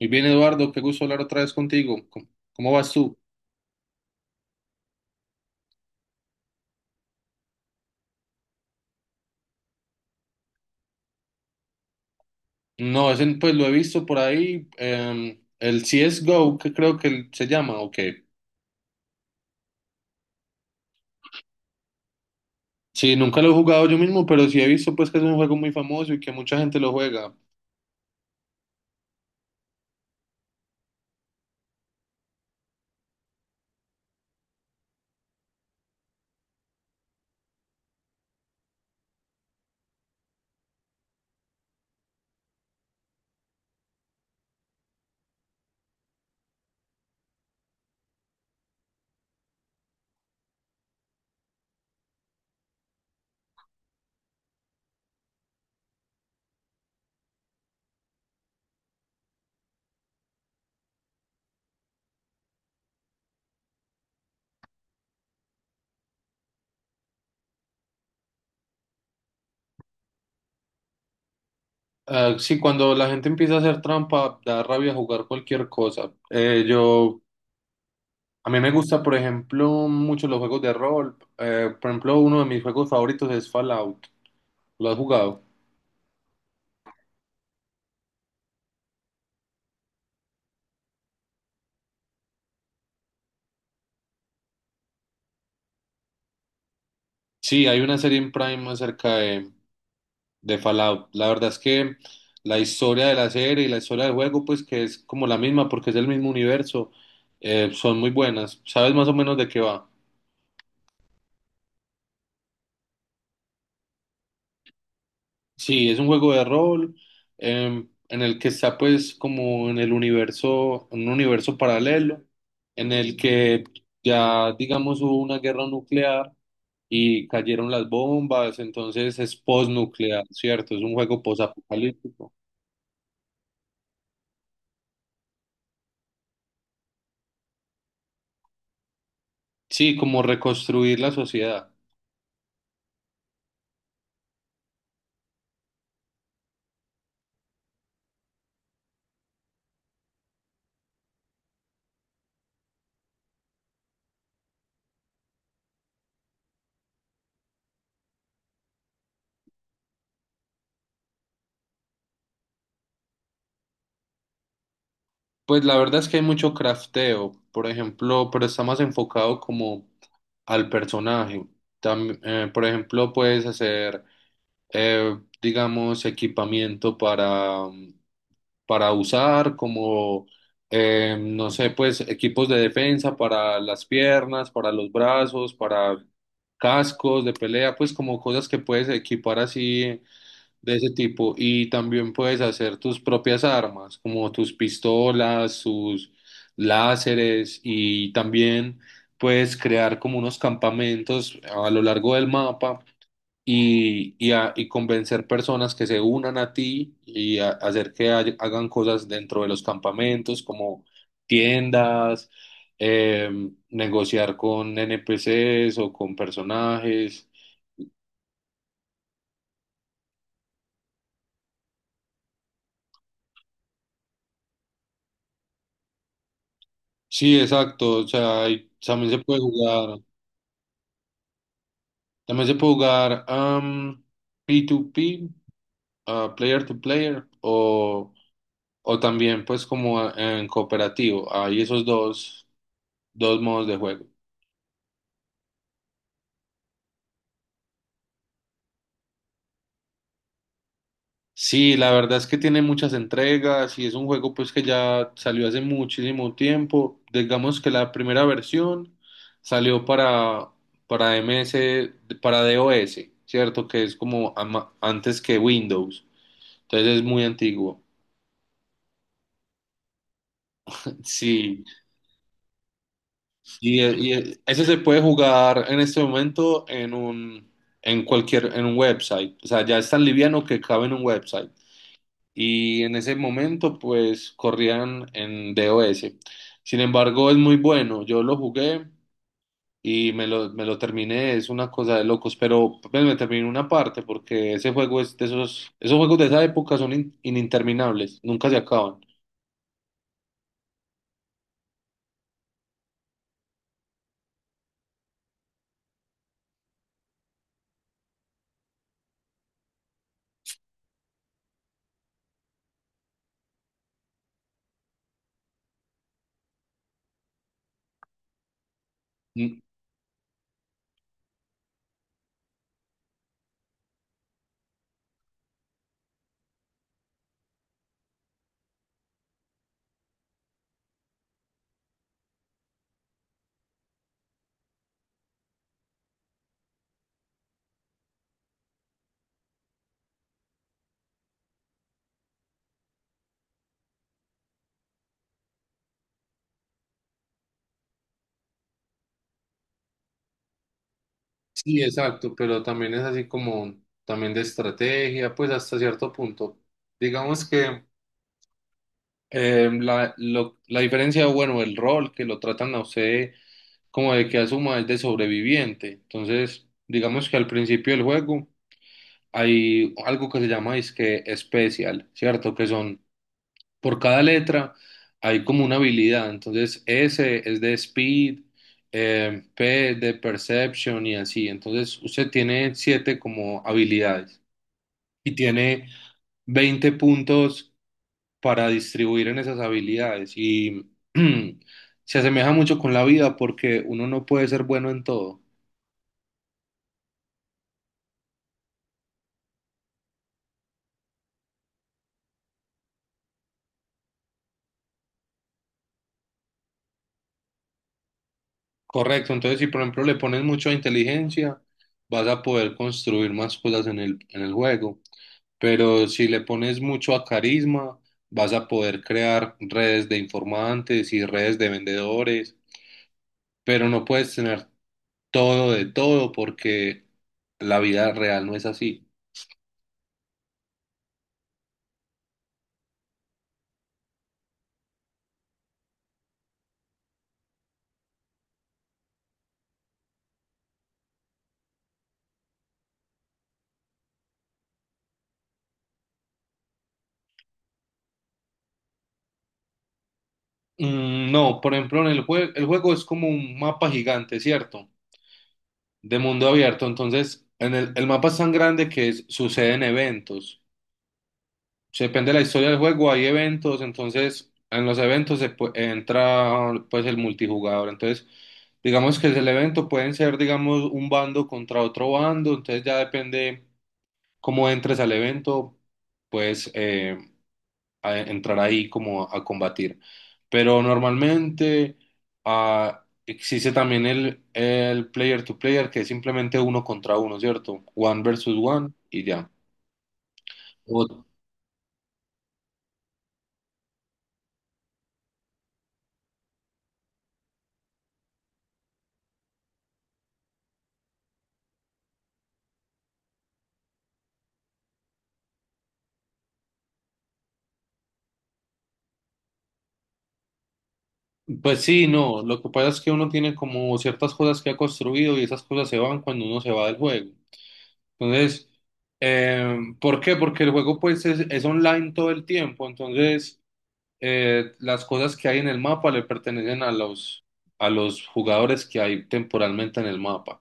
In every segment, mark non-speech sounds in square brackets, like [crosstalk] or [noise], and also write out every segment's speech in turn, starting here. Muy bien, Eduardo, qué gusto hablar otra vez contigo. ¿Cómo vas tú? No, ese, pues lo he visto por ahí, el CSGO, que creo que se llama, o qué. Sí, nunca lo he jugado yo mismo, pero sí he visto pues que es un juego muy famoso y que mucha gente lo juega. Ah, sí, cuando la gente empieza a hacer trampa, da rabia jugar cualquier cosa. A mí me gusta, por ejemplo, mucho los juegos de rol. Por ejemplo, uno de mis juegos favoritos es Fallout. ¿Lo has jugado? Sí, hay una serie en Prime acerca de Fallout. La verdad es que la historia de la serie y la historia del juego, pues que es como la misma porque es el mismo universo, son muy buenas. ¿Sabes más o menos de qué va? Sí, es un juego de rol en el que está pues como en el universo, un universo paralelo, en el que ya digamos hubo una guerra nuclear y cayeron las bombas, entonces es postnuclear, ¿cierto? Es un juego posapocalíptico. Sí, como reconstruir la sociedad. Pues la verdad es que hay mucho crafteo, por ejemplo, pero está más enfocado como al personaje. Por ejemplo, puedes hacer, digamos, equipamiento para usar, como, no sé, pues equipos de defensa para las piernas, para los brazos, para cascos de pelea, pues como cosas que puedes equipar así de ese tipo. Y también puedes hacer tus propias armas, como tus pistolas, sus láseres, y también puedes crear como unos campamentos a lo largo del mapa y convencer personas que se unan a ti y hacer que hagan cosas dentro de los campamentos, como tiendas. Negociar con NPCs o con personajes. Sí, exacto. O sea, y también se puede jugar. Também se pode jogar P2P, player to player, o también pues como en cooperativo. Hay esos dos, dos modos de juego. Sí, la verdad es que tiene muchas entregas y es un juego pues que ya salió hace muchísimo tiempo. Digamos que la primera versión salió para MS para DOS, ¿cierto? Que es como antes que Windows. Entonces es muy antiguo. Sí. Y ese se puede jugar en este momento en un website. O sea, ya es tan liviano que cabe en un website. Y en ese momento, pues, corrían en DOS. Sin embargo, es muy bueno. Yo lo jugué y me lo terminé. Es una cosa de locos. Pero pues, me terminé una parte porque ese juego es de esos juegos de esa época son ininterminables. Nunca se acaban. Sí, exacto, pero también es así como también de estrategia, pues hasta cierto punto. Digamos que la diferencia, bueno, el rol que lo tratan a usted como de que asuma es de sobreviviente. Entonces, digamos que al principio del juego hay algo que se llama que especial, ¿cierto? Que son por cada letra hay como una habilidad. Entonces, S es de speed, P de perception y así. Entonces, usted tiene siete como habilidades y tiene 20 puntos para distribuir en esas habilidades. Y [clears throat] se asemeja mucho con la vida porque uno no puede ser bueno en todo. Correcto, entonces si por ejemplo le pones mucha inteligencia, vas a poder construir más cosas en el juego, pero si le pones mucho a carisma, vas a poder crear redes de informantes y redes de vendedores, pero no puedes tener todo de todo porque la vida real no es así. No, por ejemplo, en el juego es como un mapa gigante, ¿cierto? De mundo abierto. Entonces, en el mapa es tan grande que suceden eventos. Depende de la historia del juego, hay eventos, entonces en los eventos entra pues el multijugador, entonces digamos que es el evento, pueden ser digamos un bando contra otro bando, entonces ya depende cómo entres al evento, pues entrar ahí como a combatir. Pero normalmente existe también el player to player, que es simplemente uno contra uno, ¿cierto? One versus one y ya. Pues sí, no, lo que pasa es que uno tiene como ciertas cosas que ha construido y esas cosas se van cuando uno se va del juego. Entonces, ¿por qué? Porque el juego pues es online todo el tiempo, entonces las cosas que hay en el mapa le pertenecen a los jugadores que hay temporalmente en el mapa.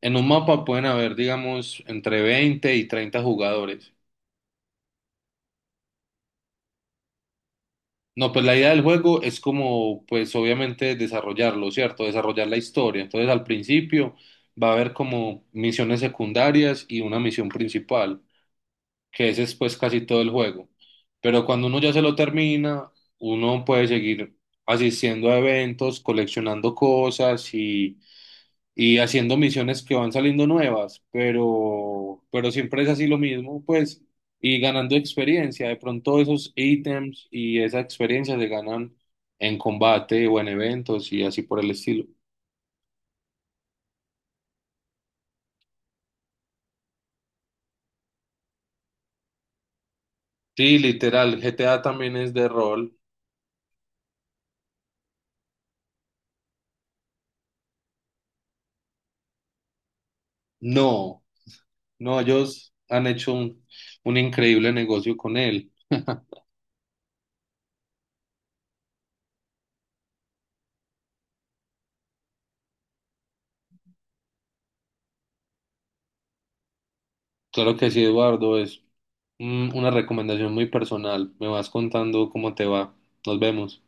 En un mapa pueden haber, digamos, entre 20 y 30 jugadores. No, pues la idea del juego es como, pues obviamente desarrollarlo, ¿cierto? Desarrollar la historia. Entonces al principio va a haber como misiones secundarias y una misión principal, que ese es pues casi todo el juego. Pero cuando uno ya se lo termina, uno puede seguir asistiendo a eventos, coleccionando cosas y haciendo misiones que van saliendo nuevas, pero siempre es así lo mismo, pues, y ganando experiencia. De pronto esos ítems y esa experiencia se ganan en combate o en eventos y así por el estilo. Sí, literal, GTA también es de rol. No, no, ellos han hecho un increíble negocio con él. Claro que sí, Eduardo, es una recomendación muy personal. Me vas contando cómo te va. Nos vemos.